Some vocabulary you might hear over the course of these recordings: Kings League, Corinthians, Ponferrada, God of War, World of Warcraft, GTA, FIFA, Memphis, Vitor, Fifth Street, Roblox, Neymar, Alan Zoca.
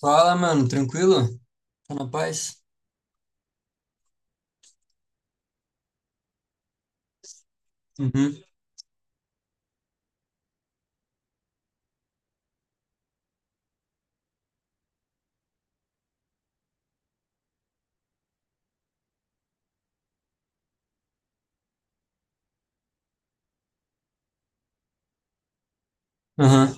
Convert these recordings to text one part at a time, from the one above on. Fala, mano, tranquilo? Tá na paz? Uhum. Aham.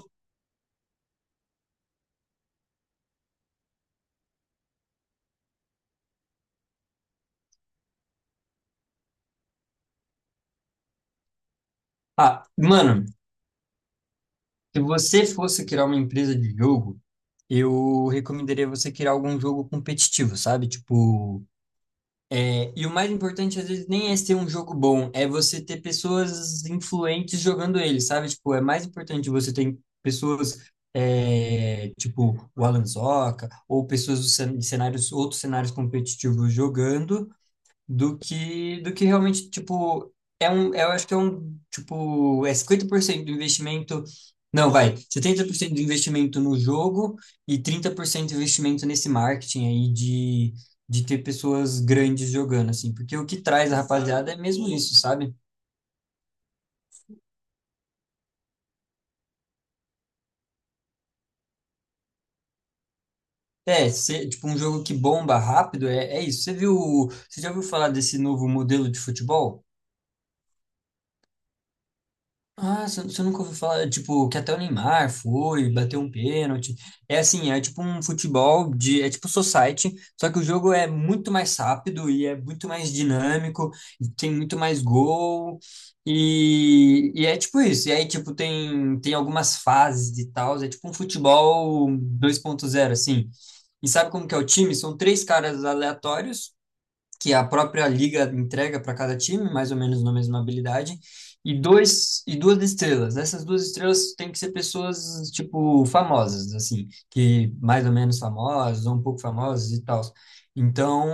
Ah, mano, se você fosse criar uma empresa de jogo, eu recomendaria você criar algum jogo competitivo, sabe? Tipo, e o mais importante às vezes nem é ser um jogo bom, é você ter pessoas influentes jogando ele, sabe? Tipo, é mais importante você ter pessoas tipo o Alan Zoca ou pessoas de cenários, outros cenários competitivos jogando do que realmente, tipo, eu acho que é um, tipo, é 50% do investimento, não, vai, 70% do investimento no jogo e 30% do investimento nesse marketing aí de ter pessoas grandes jogando, assim, porque o que traz a rapaziada é mesmo isso, sabe? É, tipo, um jogo que bomba rápido, é, é isso. Você viu, você já ouviu falar desse novo modelo de futebol? Ah, você nunca ouviu falar, tipo, que até o Neymar foi, bateu um pênalti. É assim, é tipo society, só que o jogo é muito mais rápido e é muito mais dinâmico, e tem muito mais gol, e é tipo isso. E aí, tipo, tem algumas fases e tal, é tipo um futebol 2.0 assim. E sabe como que é o time? São três caras aleatórios, que a própria liga entrega para cada time, mais ou menos na mesma habilidade, e dois e duas estrelas. Essas duas estrelas têm que ser pessoas tipo famosas, assim, que mais ou menos famosas, ou um pouco famosas e tal. Então,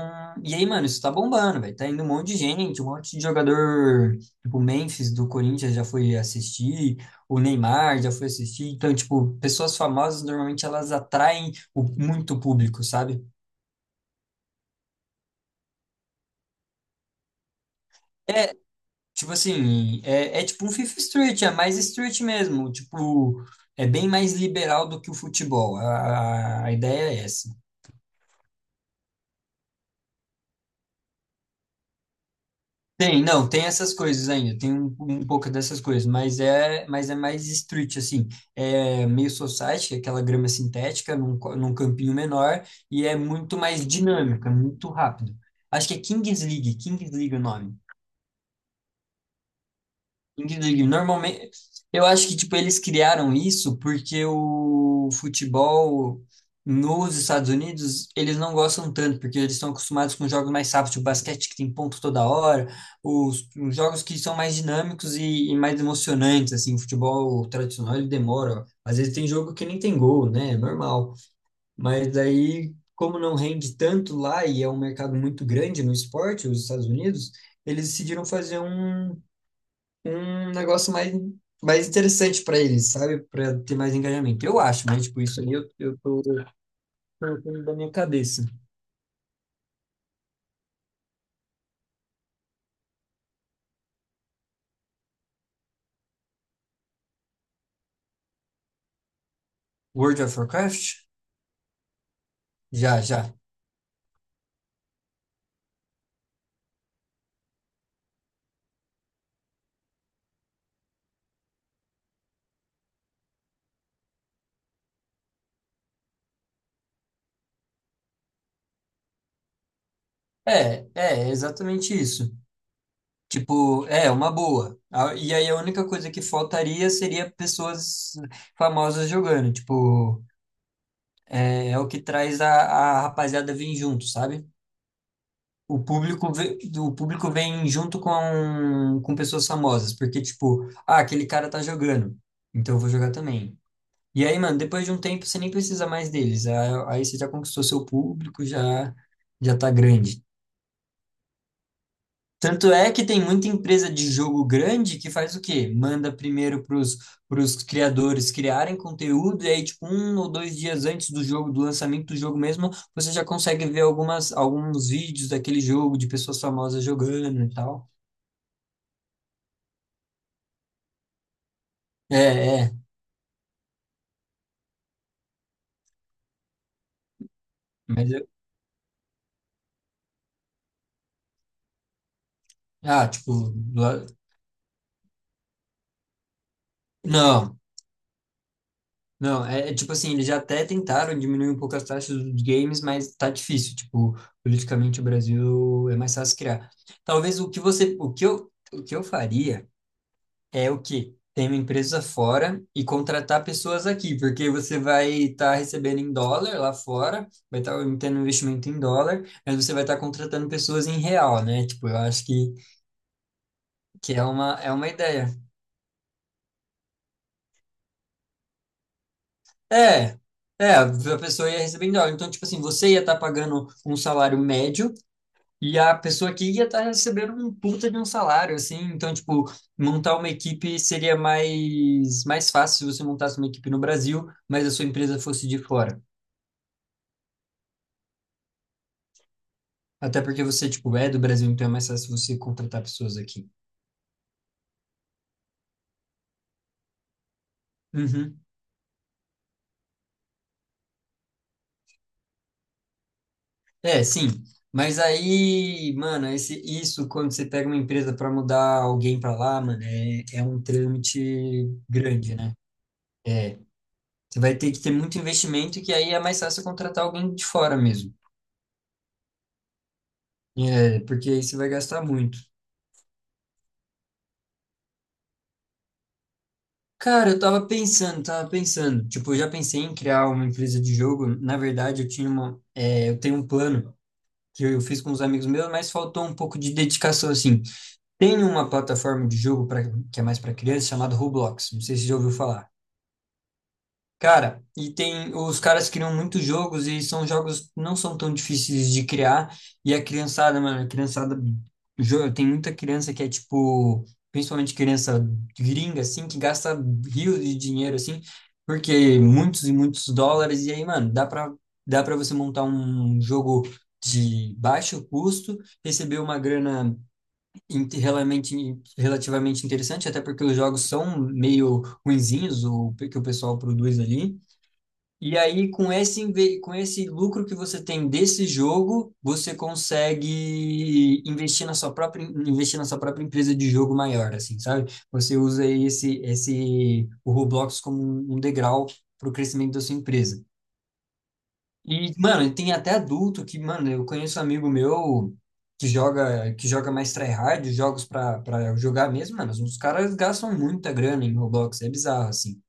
e aí, mano, isso tá bombando, velho. Tá indo um monte de gente, um monte de jogador, tipo, o Memphis do Corinthians já foi assistir, o Neymar já foi assistir. Então, tipo, pessoas famosas normalmente elas atraem muito público, sabe? É, tipo assim, é tipo um Fifth Street, é mais street mesmo. Tipo, é bem mais liberal do que o futebol. A ideia é essa. Tem, não, tem essas coisas ainda, tem um pouco dessas coisas, mas é mais street, assim. É meio society, que é aquela grama sintética num campinho menor, e é muito mais dinâmica, muito rápido. Acho que é Kings League, Kings League é o nome. Indeed, normalmente, eu acho que tipo eles criaram isso porque o futebol nos Estados Unidos eles não gostam tanto porque eles estão acostumados com jogos mais rápidos, o basquete que tem ponto toda hora, os jogos que são mais dinâmicos e mais emocionantes assim. O futebol tradicional ele demora, às vezes tem jogo que nem tem gol, né? É normal. Mas aí como não rende tanto lá e é um mercado muito grande no esporte, os Estados Unidos eles decidiram fazer um negócio mais interessante para eles, sabe? Para ter mais engajamento. Eu acho, mas tipo, isso aí eu tô colocando da minha cabeça. World of Warcraft? Já, já. É exatamente isso. Tipo, é uma boa. E aí a única coisa que faltaria seria pessoas famosas jogando. Tipo, é o que traz a rapaziada vir junto, sabe? O público, o público vem junto com pessoas famosas, porque, tipo, ah, aquele cara tá jogando, então eu vou jogar também. E aí, mano, depois de um tempo você nem precisa mais deles. Aí você já conquistou seu público, já tá grande. Tanto é que tem muita empresa de jogo grande que faz o quê? Manda primeiro pros criadores criarem conteúdo, e aí, tipo, 1 ou 2 dias antes do jogo, do lançamento do jogo mesmo, você já consegue ver algumas, alguns vídeos daquele jogo, de pessoas famosas jogando e tal. É, é, mas eu, ah, tipo, lá- não, não, é tipo assim, eles já até tentaram diminuir um pouco as taxas dos games, mas tá difícil, tipo, politicamente o Brasil é mais fácil criar. Talvez o que você, o que eu faria é o quê? Ter uma empresa fora e contratar pessoas aqui, porque você vai estar recebendo em dólar lá fora, vai estar tendo investimento em dólar, mas você vai estar contratando pessoas em real, né? Tipo, eu acho que, é uma ideia. É, é, a pessoa ia receber em dólar. Então, tipo assim, você ia estar pagando um salário médio e a pessoa aqui ia estar recebendo um puta de um salário, assim. Então, tipo, montar uma equipe seria mais fácil se você montasse uma equipe no Brasil, mas a sua empresa fosse de fora. Até porque você, tipo, é do Brasil, então é mais fácil você contratar pessoas aqui. Uhum. É, sim. Mas aí, mano, isso quando você pega uma empresa para mudar alguém para lá, mano, é um trâmite grande, né? É, você vai ter que ter muito investimento, que aí é mais fácil contratar alguém de fora mesmo. É, porque aí você vai gastar muito. Cara, eu tava pensando, tava pensando. Tipo, eu já pensei em criar uma empresa de jogo. Na verdade, eu tinha uma, eu tenho um plano que eu fiz com uns amigos meus, mas faltou um pouco de dedicação, assim. Tem uma plataforma de jogo que é mais para criança chamada Roblox. Não sei se você já ouviu falar. Cara, e tem, os caras criam muitos jogos e são jogos que não são tão difíceis de criar. E a criançada, mano, a criançada, tem muita criança que é tipo, principalmente criança gringa, assim, que gasta rios de dinheiro, assim, porque muitos e muitos dólares. E aí, mano, dá pra você montar um jogo de baixo custo, receber uma grana relativamente, interessante, até porque os jogos são meio ruinzinhos, o que o pessoal produz ali. E aí, com esse lucro que você tem desse jogo, você consegue investir investir na sua própria empresa de jogo maior, assim, sabe? Você usa o Roblox como um degrau para o crescimento da sua empresa. E, mano, tem até adulto que, mano, eu conheço um amigo meu que joga mais tryhard, jogos para jogar mesmo, mano, os caras gastam muita grana em Roblox, é bizarro, assim.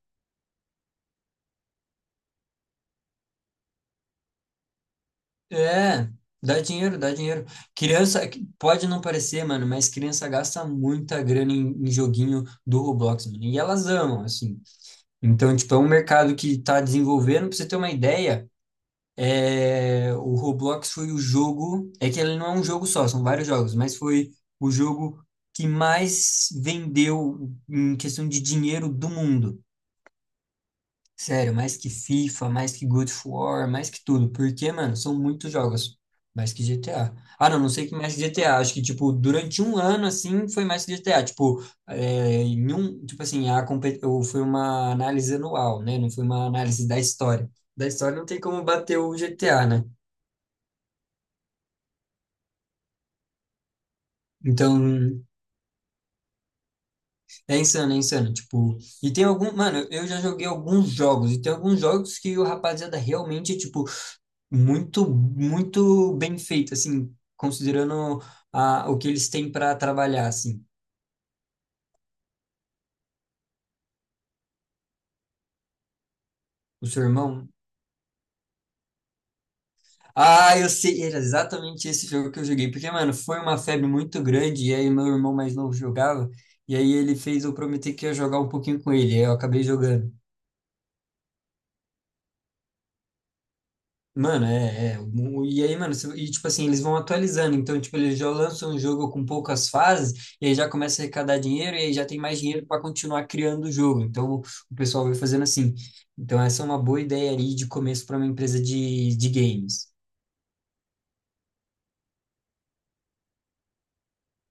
É, dá dinheiro, dá dinheiro. Criança, pode não parecer, mano, mas criança gasta muita grana em joguinho do Roblox, mano. E elas amam, assim. Então, tipo, é um mercado que tá desenvolvendo. Pra você ter uma ideia, o Roblox foi o jogo. É que ele não é um jogo só, são vários jogos, mas foi o jogo que mais vendeu em questão de dinheiro do mundo. Sério, mais que FIFA, mais que God of War, mais que tudo. Porque, mano, são muitos jogos. Mais que GTA. Ah, não, não sei que mais que GTA. Acho que, tipo, durante um ano, assim, foi mais que GTA. Tipo, em um, tipo assim, ou foi uma análise anual, né? Não foi uma análise da história. Da história não tem como bater o GTA, né? Então, é insano, é insano. Tipo, e tem algum. Mano, eu já joguei alguns jogos. E tem alguns jogos que o rapaziada realmente, tipo, muito, muito bem feito, assim, considerando o que eles têm para trabalhar, assim. O seu irmão. Ah, eu sei, era exatamente esse jogo que eu joguei, porque, mano, foi uma febre muito grande, e aí meu irmão mais novo jogava, e aí ele fez eu prometer que ia jogar um pouquinho com ele, e aí eu acabei jogando. Mano, é, é. E aí, mano, e tipo assim, eles vão atualizando. Então, tipo, eles já lançam um jogo com poucas fases, e aí já começa a arrecadar dinheiro, e aí já tem mais dinheiro para continuar criando o jogo. Então, o pessoal vai fazendo assim. Então, essa é uma boa ideia aí de começo para uma empresa de games.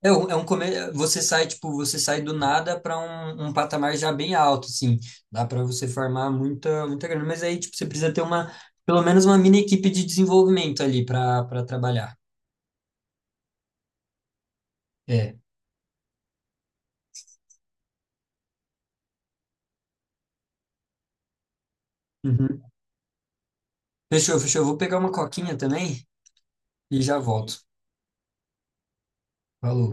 É um, é um come... Você sai, tipo, você sai do nada para um patamar já bem alto, assim. Dá para você formar muita, muita grana. Mas aí, tipo, você precisa ter uma, pelo menos uma mini equipe de desenvolvimento ali para trabalhar. É. Uhum. Fechou, fechou. Eu vou pegar uma coquinha também e já volto. Falou.